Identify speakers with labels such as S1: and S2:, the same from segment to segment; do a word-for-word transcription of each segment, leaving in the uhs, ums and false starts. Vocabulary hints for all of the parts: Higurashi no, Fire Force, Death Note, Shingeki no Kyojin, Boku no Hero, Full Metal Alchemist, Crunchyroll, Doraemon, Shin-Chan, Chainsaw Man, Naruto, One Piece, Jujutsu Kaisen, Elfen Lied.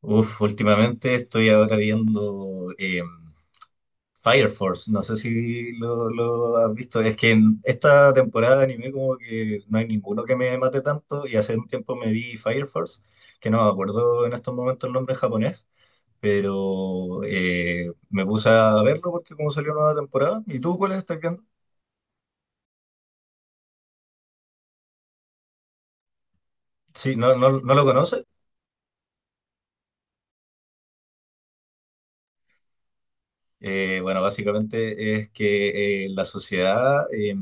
S1: Uf, últimamente estoy ahora viendo eh, Fire Force. No sé si lo, lo has visto. Es que en esta temporada de anime como que no hay ninguno que me mate tanto y hace un tiempo me vi Fire Force, que no me acuerdo en estos momentos el nombre en japonés, pero eh, me puse a verlo porque como salió nueva temporada. ¿Y tú cuál estás viendo? Sí, no, no, no lo conoces. Eh, bueno, básicamente es que eh, la sociedad... eh,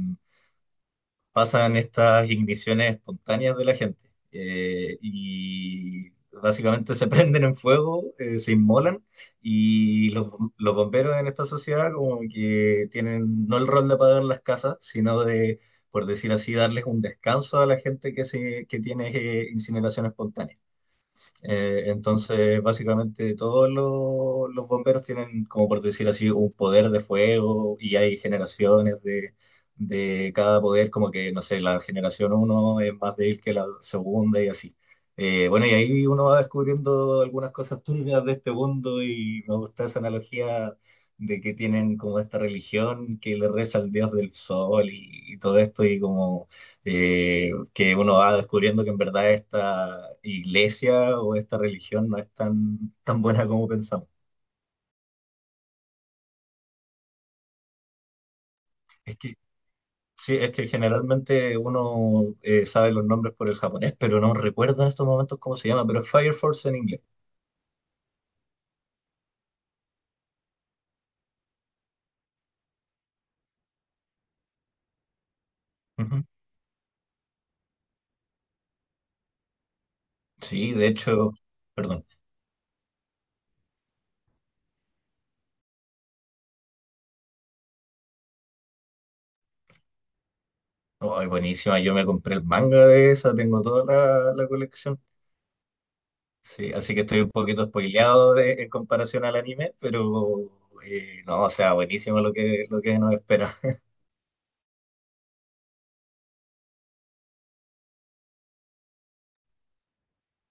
S1: pasan estas igniciones espontáneas de la gente eh, y básicamente se prenden en fuego, eh, se inmolan y los, los bomberos en esta sociedad como que tienen no el rol de apagar las casas, sino de, por decir así, darles un descanso a la gente que, se, que tiene eh, incineración espontánea. Eh, entonces, básicamente todos lo- los bomberos tienen, como por decir así, un poder de fuego y hay generaciones de, de cada poder, como que, no sé, la generación uno es más débil que la segunda y así. Eh, bueno, y ahí uno va descubriendo algunas cosas turbias de este mundo y me gusta esa analogía de que tienen como esta religión que le reza al dios del sol y, y todo esto y como eh, que uno va descubriendo que en verdad esta iglesia o esta religión no es tan, tan buena como pensamos. Es que, sí, es que generalmente uno eh, sabe los nombres por el japonés, pero no recuerda en estos momentos cómo se llama, pero es Fire Force en inglés. Ujú. Sí, de hecho, perdón. Oh, ay, buenísima, yo me compré el manga de esa, tengo toda la, la colección. Sí, así que estoy un poquito spoileado de- en comparación al anime, pero eh, no, o sea, buenísimo lo que, lo que nos espera.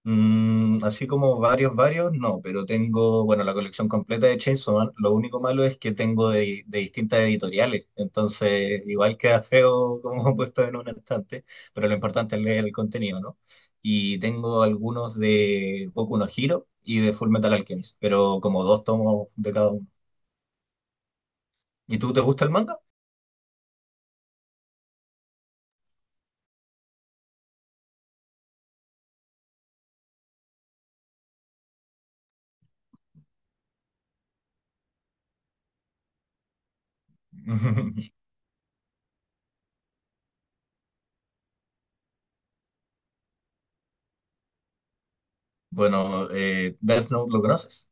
S1: Mm, así como varios, varios, no, pero tengo, bueno, la colección completa de Chainsaw Man. Lo único malo es que tengo de, de distintas editoriales, entonces igual queda feo como puesto en un estante, pero lo importante es leer el contenido, ¿no? Y tengo algunos de Boku no Hero y de Full Metal Alchemist, pero como dos tomos de cada uno. ¿Y tú te gusta el manga? Bueno, eh, Death Note, ¿lo conoces?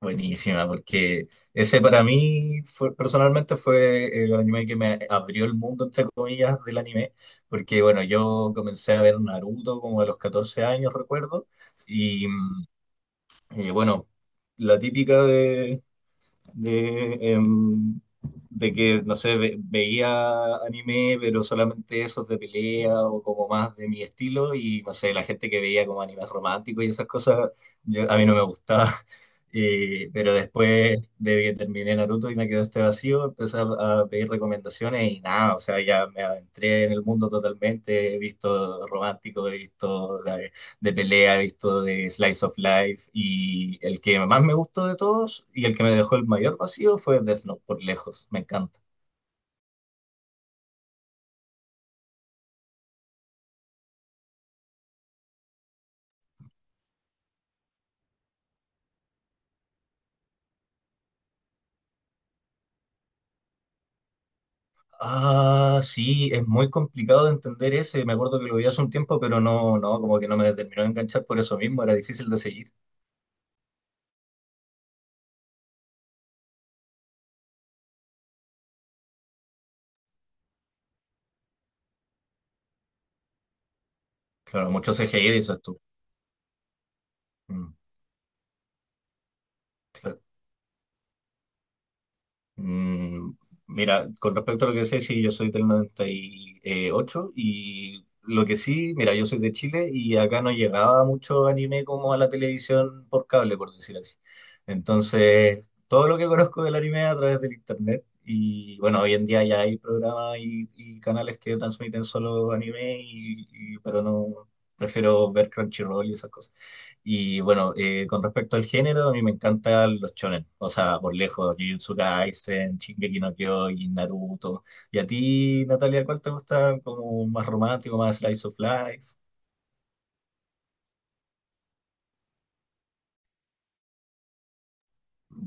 S1: Buenísima, porque ese para mí fue, personalmente fue el anime que me abrió el mundo, entre comillas, del anime, porque bueno, yo comencé a ver Naruto como a los catorce años, recuerdo, y mm, eh, bueno, la típica de, de, em, de que, no sé, ve- veía anime, pero solamente esos de pelea o como más de mi estilo, y no sé, la gente que veía como animes románticos y esas cosas, yo- a mí no me gustaba. Y pero después de que terminé Naruto y me quedó este vacío, empecé a, a pedir recomendaciones y nada, o sea, ya me adentré en el mundo totalmente, he visto romántico, he visto de pelea, he visto de Slice of Life y el que más me gustó de todos y el que me dejó el mayor vacío fue Death Note, por lejos, me encanta. Ah, sí, es muy complicado de entender ese, me acuerdo que lo vi hace un tiempo, pero no, no, como que no me terminó de enganchar por eso mismo, era difícil de seguir. Claro, mucho C G I, dices tú. Mm, claro. Mm, mira, con respecto a lo que decía, sí, yo soy del noventa y ocho y ocho y lo que sí, mira, yo soy de Chile y acá no llegaba mucho anime como a la televisión por cable, por decir así. Entonces, todo lo que conozco del anime a través del internet y bueno, hoy en día ya hay programas y, y canales que transmiten solo anime, y, y- pero no, prefiero ver Crunchyroll y esas cosas. Y bueno, eh, con respecto al género, a mí me encantan los shonen. O sea, por lejos, Jujutsu Kaisen, Shingeki no Kyojin, Naruto. ¿Y a ti, Natalia, cuál te gusta? ¿Como más romántico, más slice of life?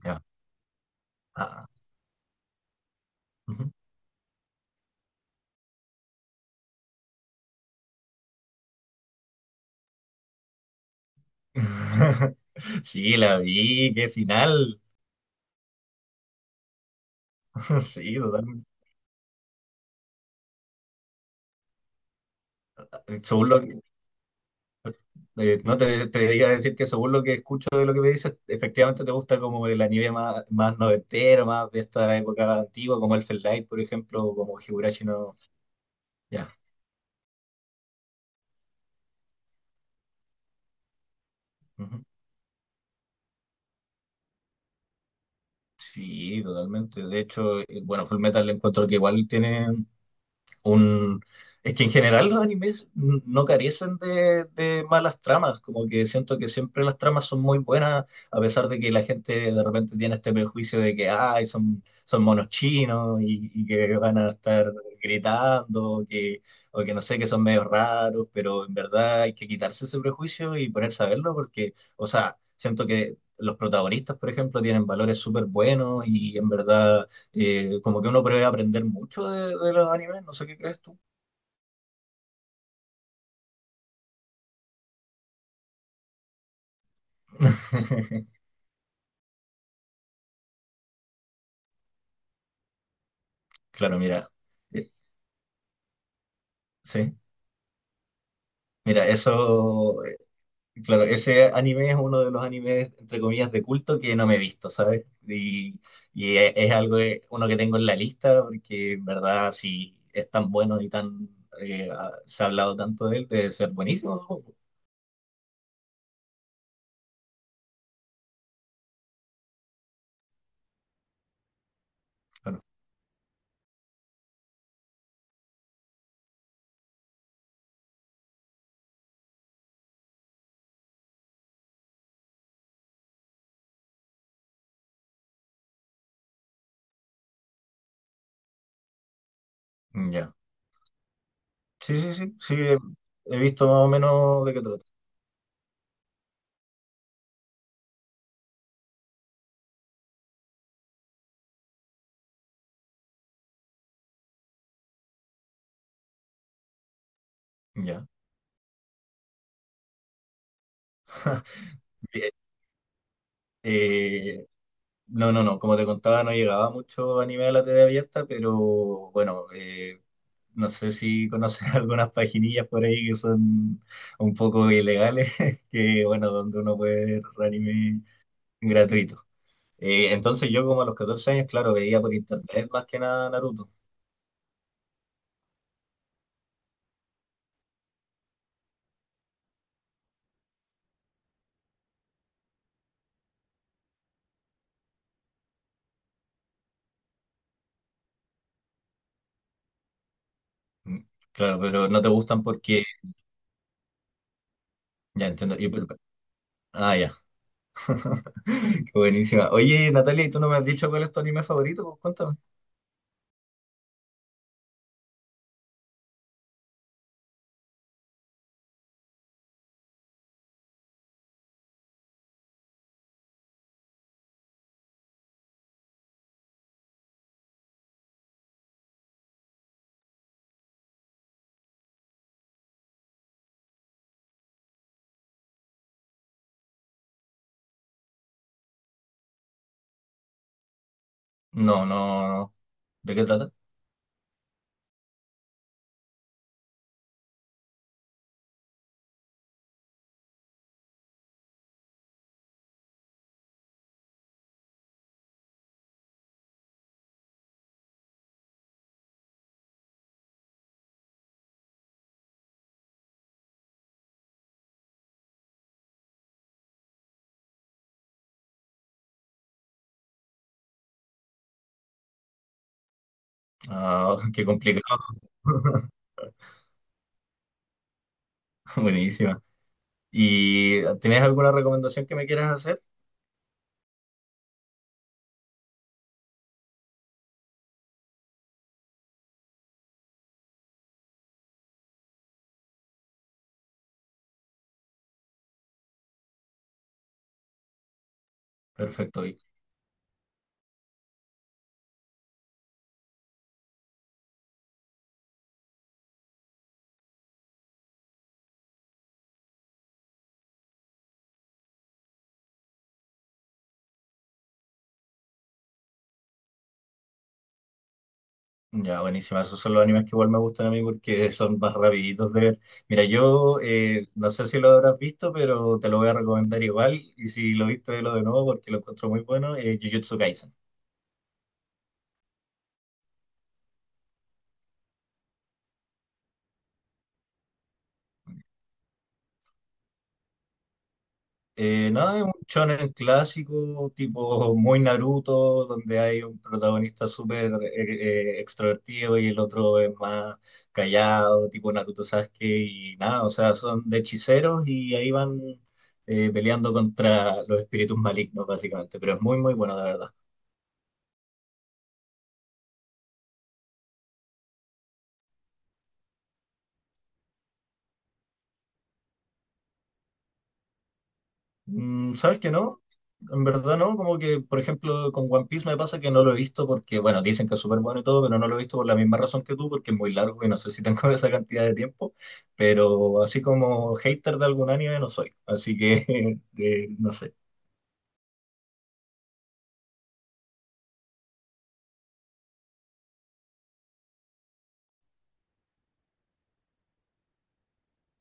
S1: Ya. Ah, ujú. Sí, la vi, qué final. Sí, totalmente. Según lo que, eh, no te, te iba a decir que según lo que escucho de lo que me dices, efectivamente te gusta como el anime más, más noventero, más de esta época antigua, como Elfen Lied, por ejemplo, o como Higurashi no. Ujú. Sí, totalmente. De hecho, eh, bueno, Full Metal encuentro que igual tiene un... Es que en general los animes no carecen de, de malas tramas, como que siento que siempre las tramas son muy buenas, a pesar de que la gente de repente tiene este prejuicio de que ay, son, son monos chinos y, y que van a estar gritando, o que, o que no sé, que son medio raros, pero en verdad hay que quitarse ese prejuicio y ponerse a verlo porque, o sea, siento que los protagonistas, por ejemplo, tienen valores súper buenos y en verdad eh, como que uno puede aprender mucho de, de los animes, no sé qué crees tú. Claro, mira, eh, sí, mira, eso, eh, claro, ese anime es uno de los animes, entre comillas, de culto que no me he visto, ¿sabes? Y, y e- es algo, de- uno que tengo en la lista, porque en verdad, si es tan bueno y tan, eh, ha- se ha hablado tanto de él, debe ser buenísimo, supongo. Claro, mm, ya. Sí, sí, sí, sí, he he visto más o menos de qué trata. Ya. Eh, No, no, no, como te contaba, no llegaba mucho anime a la T V abierta, pero bueno, eh, no sé si conoces algunas paginillas por ahí que son un poco ilegales, que bueno, donde uno puede ver anime gratuito. Eh, entonces yo como a los catorce años, claro, veía por internet más que nada Naruto. Mm, Claro, pero no te gustan porque... Ya entiendo. y por- Ah, ya. Qué buenísima. Oye, Natalia, ¿y tú no me has dicho cuál es tu anime favorito? Pues, cuéntame. No, no, no. ¿De qué trata? Ah, qué complicado. Buenísima. ¿Y tienes alguna recomendación que me quieras hacer? Perfecto. Y ya, buenísima. Esos son los animes que igual me gustan a mí porque son más rapiditos de ver. Mira, yo eh, no sé si lo habrás visto, pero te lo voy a recomendar igual. Y si lo viste, lo de nuevo porque lo encuentro muy bueno. Eh, Jujutsu Kaisen. Eh, nada, es un shonen clásico, tipo muy Naruto, donde hay un protagonista súper eh, eh, extrovertido y el otro es más callado, tipo Naruto Sasuke, y nada, o sea, son de hechiceros y ahí van eh, peleando contra los espíritus malignos, básicamente, pero es muy, muy bueno, de verdad. Mm, ¿sabes que no? En verdad no, como que, por ejemplo, con One Piece me pasa que no lo he visto porque, bueno, dicen que es súper bueno y todo, pero no lo he visto por la misma razón que tú, porque es muy largo y no sé si tengo esa cantidad de tiempo, pero así como hater de algún anime no soy, así que, eh, no sé.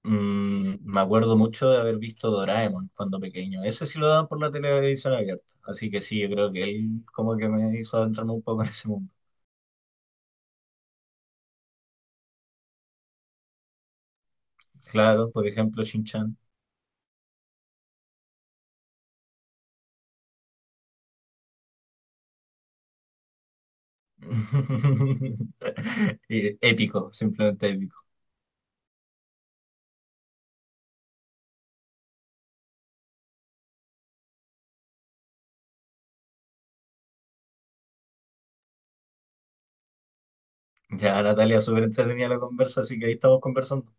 S1: Mm, me acuerdo mucho de haber visto Doraemon cuando pequeño, ese sí lo daban por la televisión abierta, así que sí, yo creo que él como que me hizo adentrarme un poco en ese mundo. Claro, por ejemplo, Shin-Chan. Eh, Épico, simplemente épico. Ya Natalia, súper entretenida la conversa, así que ahí estamos conversando.